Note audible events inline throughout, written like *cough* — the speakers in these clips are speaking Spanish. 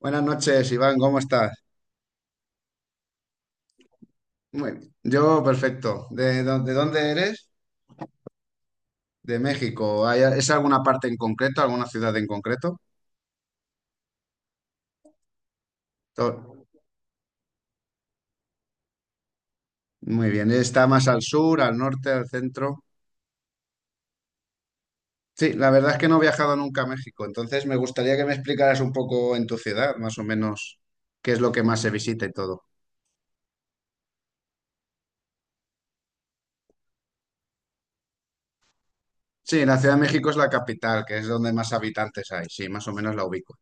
Buenas noches, Iván, ¿cómo estás? Muy bien. Yo, perfecto. ¿ De dónde eres? De México. ¿ Es alguna parte en concreto, alguna ciudad en concreto? To- Muy bien. ¿Está más al sur, al norte, al centro? Sí, la verdad es que no he viajado nunca a México, entonces me gustaría que me explicaras un poco en tu ciudad, más o menos, qué es lo que más se visita y todo. Sí, la Ciudad de México es la capital, que es donde más habitantes hay, sí, más o menos la ubico.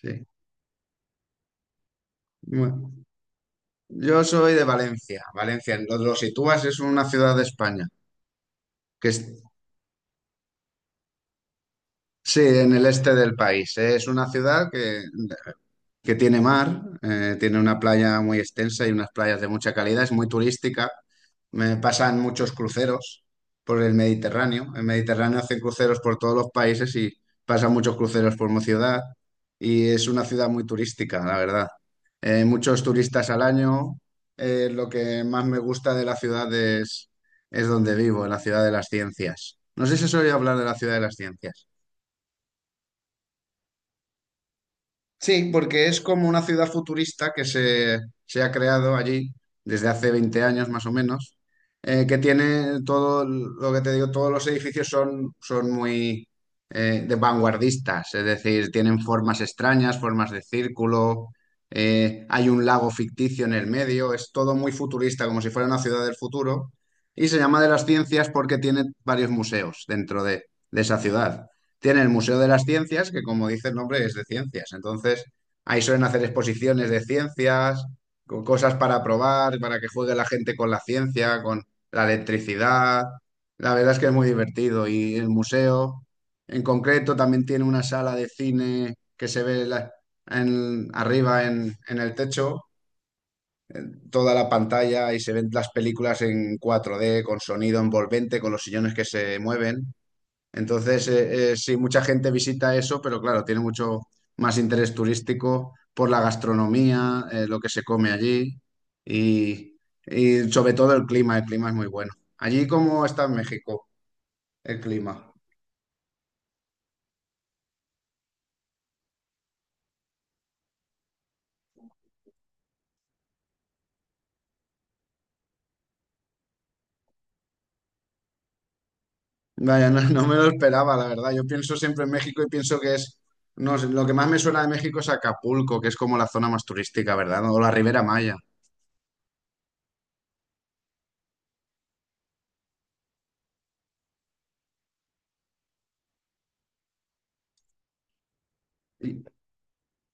Sí. Bueno, yo soy de Valencia. Valencia, lo sitúas, es una ciudad de España. Que es, sí, en el este del país. Es una ciudad que tiene mar, tiene una playa muy extensa y unas playas de mucha calidad, es muy turística. Me pasan muchos cruceros por el Mediterráneo. El Mediterráneo hacen cruceros por todos los países y pasan muchos cruceros por mi ciudad. Y es una ciudad muy turística, la verdad. Muchos turistas al año. Lo que más me gusta de la ciudad Es donde vivo, en la ciudad de las ciencias. No sé si se oye hablar de la ciudad de las ciencias. Sí, porque es como una ciudad futurista que se ha creado allí desde hace 20 años más o menos, que tiene todo el- lo que te digo, todos los edificios son, son muy de vanguardistas, es decir, tienen formas extrañas, formas de círculo, hay un lago ficticio en el medio, es todo muy futurista, como si fuera una ciudad del futuro, y se llama de las ciencias porque tiene varios museos dentro de esa ciudad. Tiene el Museo de las Ciencias, que como dice el nombre es de ciencias. Entonces, ahí suelen hacer exposiciones de ciencias, con cosas para probar, para que juegue la gente con la ciencia, con la electricidad. La verdad es que es muy divertido. Y el museo, en concreto, también tiene una sala de cine que se ve la- en- arriba en el techo, toda la pantalla y se ven las películas en 4D, con sonido envolvente, con los sillones que se mueven. Entonces, sí, mucha gente visita eso, pero claro, tiene mucho más interés turístico por la gastronomía, lo que se come allí y, y sobre todo el clima. El clima es muy bueno. Allí, ¿cómo está en México el clima? Vaya, no, no me lo esperaba, la verdad. Yo pienso siempre en México y pienso que es, no sé, lo que más me suena de México es Acapulco, que es como la zona más turística, ¿verdad? O la Ribera Maya.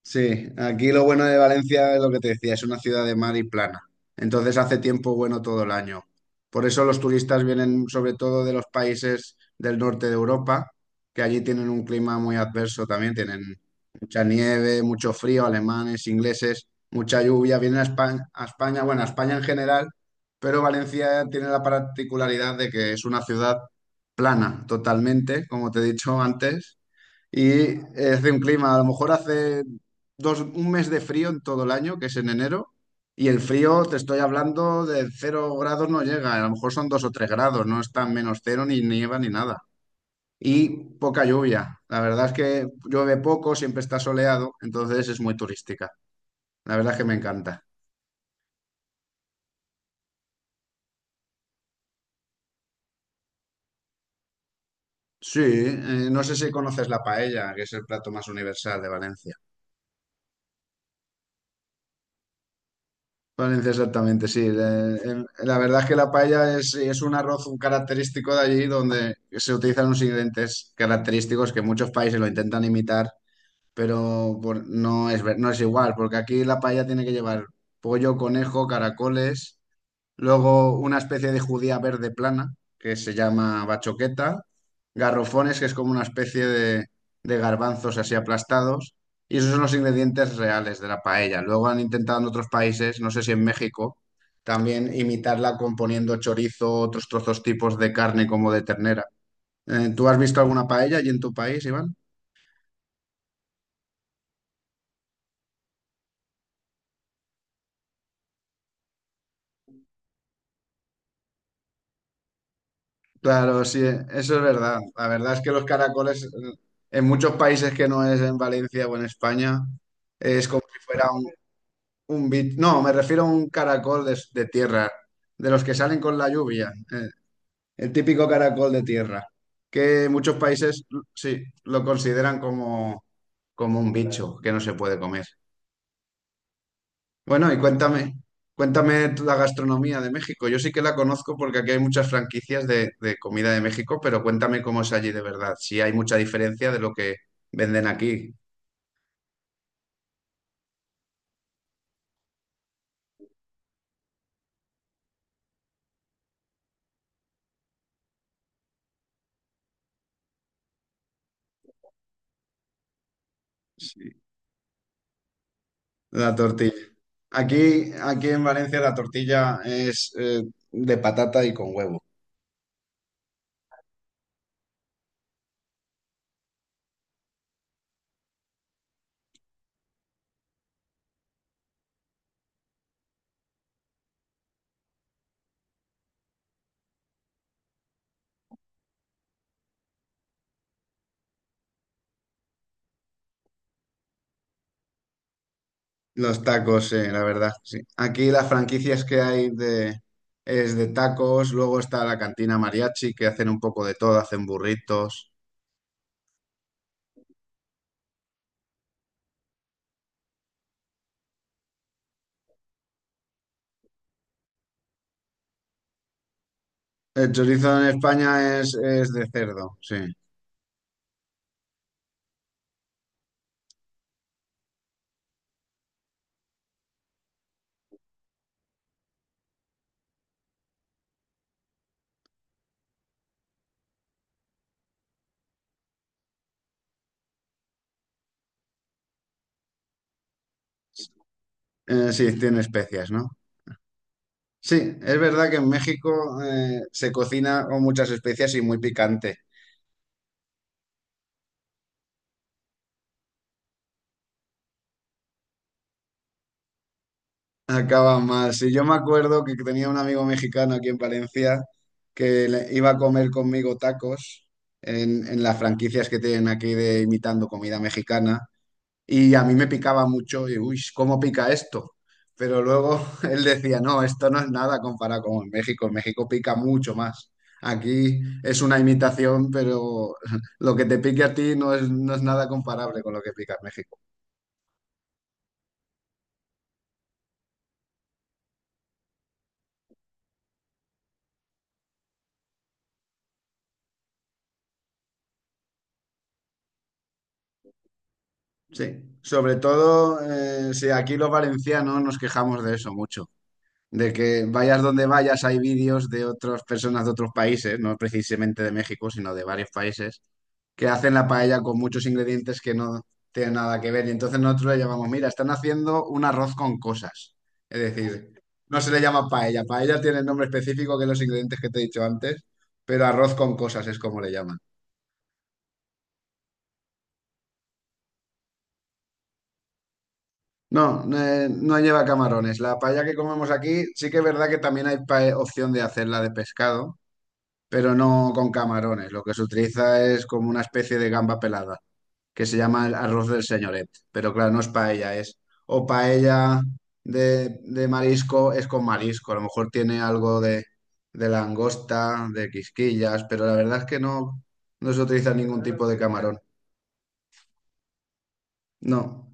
Sí, aquí lo bueno de Valencia es lo que te decía, es una ciudad de mar y plana. Entonces hace tiempo bueno todo el año. Por eso los turistas vienen sobre todo de los países del norte de Europa, que allí tienen un clima muy adverso también, tienen mucha nieve, mucho frío, alemanes, ingleses, mucha lluvia. Vienen a España, Bueno, a España en general, pero Valencia tiene la particularidad de que es una ciudad plana totalmente, como te he dicho antes y hace un clima, a lo mejor hace un mes de frío en todo el año, que es en enero, y el frío, te estoy hablando de cero grados no llega, a lo mejor son dos o tres grados, no está en menos cero, ni nieva, ni nada. Y poca lluvia, la verdad es que llueve poco, siempre está soleado, entonces es muy turística, la verdad es que me encanta. Sí, no sé si conoces la paella, que es el plato más universal de Valencia. Valencia, exactamente, sí. Le- el- La verdad es que es un arroz un característico de allí donde se utilizan unos ingredientes característicos que muchos países lo intentan imitar, pero no es, no es igual, porque aquí la paella tiene que llevar pollo, conejo, caracoles. Luego una especie de judía verde plana, que se llama bachoqueta. Garrofones, que es como una especie de garbanzos así aplastados. Y esos son los ingredientes reales de la paella. Luego han intentado en otros países, no sé si en México, también imitarla componiendo chorizo, otros trozos tipos de carne como de ternera. ¿Tú has visto alguna paella allí en tu país, Iván? Claro, sí, eso es verdad. La verdad es que los caracoles en muchos países que no es en Valencia o en España es como si fuera un bit, no, me refiero a un caracol de tierra, de los que salen con la lluvia, el típico caracol de tierra, que muchos países sí lo consideran como, como un bicho que no se puede comer. Bueno, y cuéntame, Cuéntame tú la gastronomía de México. Yo sí que la conozco porque aquí hay muchas franquicias de comida de México, pero cuéntame cómo es allí de verdad, si hay mucha diferencia de lo que venden aquí. Sí. La tortilla. Aquí en Valencia la tortilla es de patata y con huevo. Los tacos, la verdad, sí. Aquí las franquicias que hay es de tacos, luego está la cantina mariachi que hacen un poco de todo, hacen burritos. El chorizo en España es de cerdo, sí. Sí, tiene especias, ¿no? Sí, es verdad que en México se cocina con muchas especias y muy picante. Acaban mal. Sí, yo me acuerdo que tenía un amigo mexicano aquí en Valencia que iba a comer conmigo tacos en las franquicias que tienen aquí de imitando comida mexicana y a mí me picaba mucho y, uy, ¿cómo pica esto? Pero luego *laughs* él decía, no, esto no es nada comparado con en México. En México pica mucho más. Aquí es una imitación, pero *laughs* lo que te pique a ti no es, no es nada comparable con lo que pica en México. Sí, sobre todo, sí, aquí los valencianos nos quejamos de eso mucho, de que vayas donde vayas hay vídeos de otras personas de otros países, no precisamente de México, sino de varios países, que hacen la paella con muchos ingredientes que no tienen nada que ver. Y entonces nosotros le llamamos, mira, están haciendo un arroz con cosas. Es decir, no se le llama paella, paella tiene el nombre específico que los ingredientes que te he dicho antes, pero arroz con cosas es como le llaman. No, no lleva camarones. La paella que comemos aquí, sí que es verdad que también hay opción de hacerla de pescado, pero no con camarones. Lo que se utiliza es como una especie de gamba pelada, que se llama el arroz del señoret. Pero claro, no es paella, es o paella de marisco, es con marisco. A lo mejor tiene algo de langosta, de quisquillas, pero la verdad es que no, no se utiliza ningún tipo de camarón. No.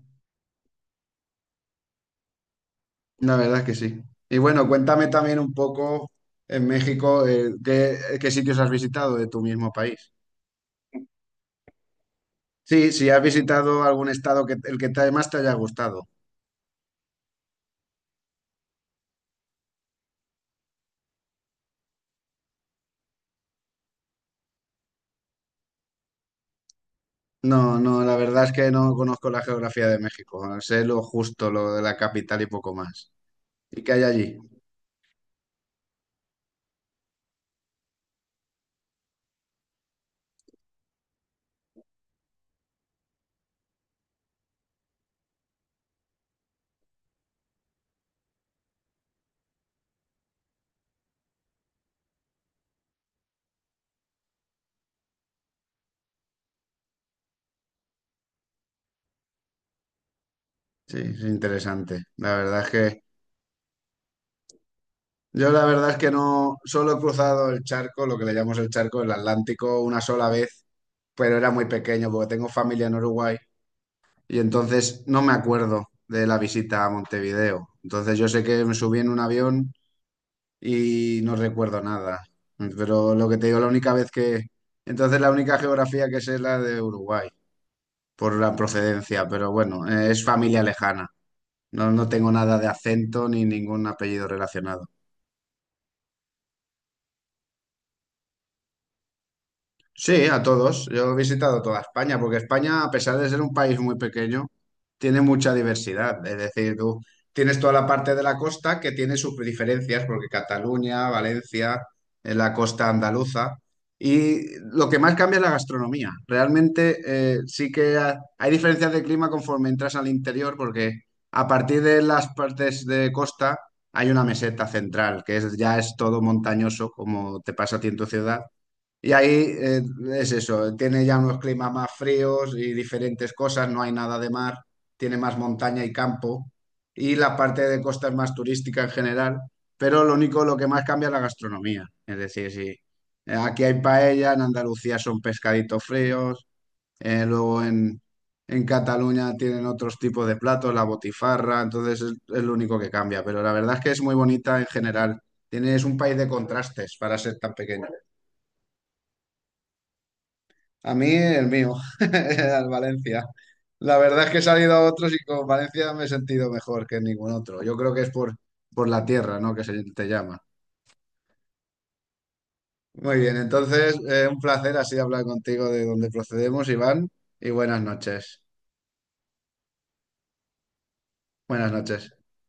La verdad es que sí. Y bueno, cuéntame también un poco en México, ¿ qué sitios has visitado de tu mismo país? Sí, si has visitado algún estado que más te haya gustado. No, no, la verdad es que no conozco la geografía de México. Sé lo justo, lo de la capital y poco más. ¿Y qué hay allí? Sí, es interesante. La verdad es que yo la verdad es que no, solo he cruzado el charco, lo que le llamamos el charco, el Atlántico, una sola vez, pero era muy pequeño porque tengo familia en Uruguay. Y entonces no me acuerdo de la visita a Montevideo. Entonces yo sé que me subí en un avión y no recuerdo nada. Pero lo que te digo, la única vez que... Entonces la única geografía que sé es la de Uruguay, por la procedencia, pero bueno, es familia lejana. No, no tengo nada de acento ni ningún apellido relacionado. Sí, a todos. Yo he visitado toda España, porque España, a pesar de ser un país muy pequeño, tiene mucha diversidad. Es decir, tú tienes toda la parte de la costa que tiene sus diferencias, porque Cataluña, Valencia, en la costa andaluza. Y lo que más cambia es la gastronomía. Realmente hay diferencias de clima conforme entras al interior, porque a partir de las partes de costa hay una meseta central, que es, ya es todo montañoso, como te pasa a ti en tu ciudad y ahí es eso, tiene ya unos climas más fríos y diferentes cosas, no hay nada de mar, tiene más montaña y campo, y la parte de costa es más turística en general, pero lo único, lo que más cambia es la gastronomía. Es decir, si aquí hay paella, en Andalucía son pescaditos fríos, luego en Cataluña tienen otros tipos de platos, la botifarra, entonces es lo único que cambia, pero la verdad es que es muy bonita en general. Tienes un país de contrastes para ser tan pequeño. A mí el mío, *laughs* al Valencia. La verdad es que he salido a otros y con Valencia me he sentido mejor que ningún otro. Yo creo que es por la tierra, ¿no? Que se te llama. Muy bien, entonces un placer así hablar contigo de dónde procedemos, Iván, y buenas noches. Buenas noches.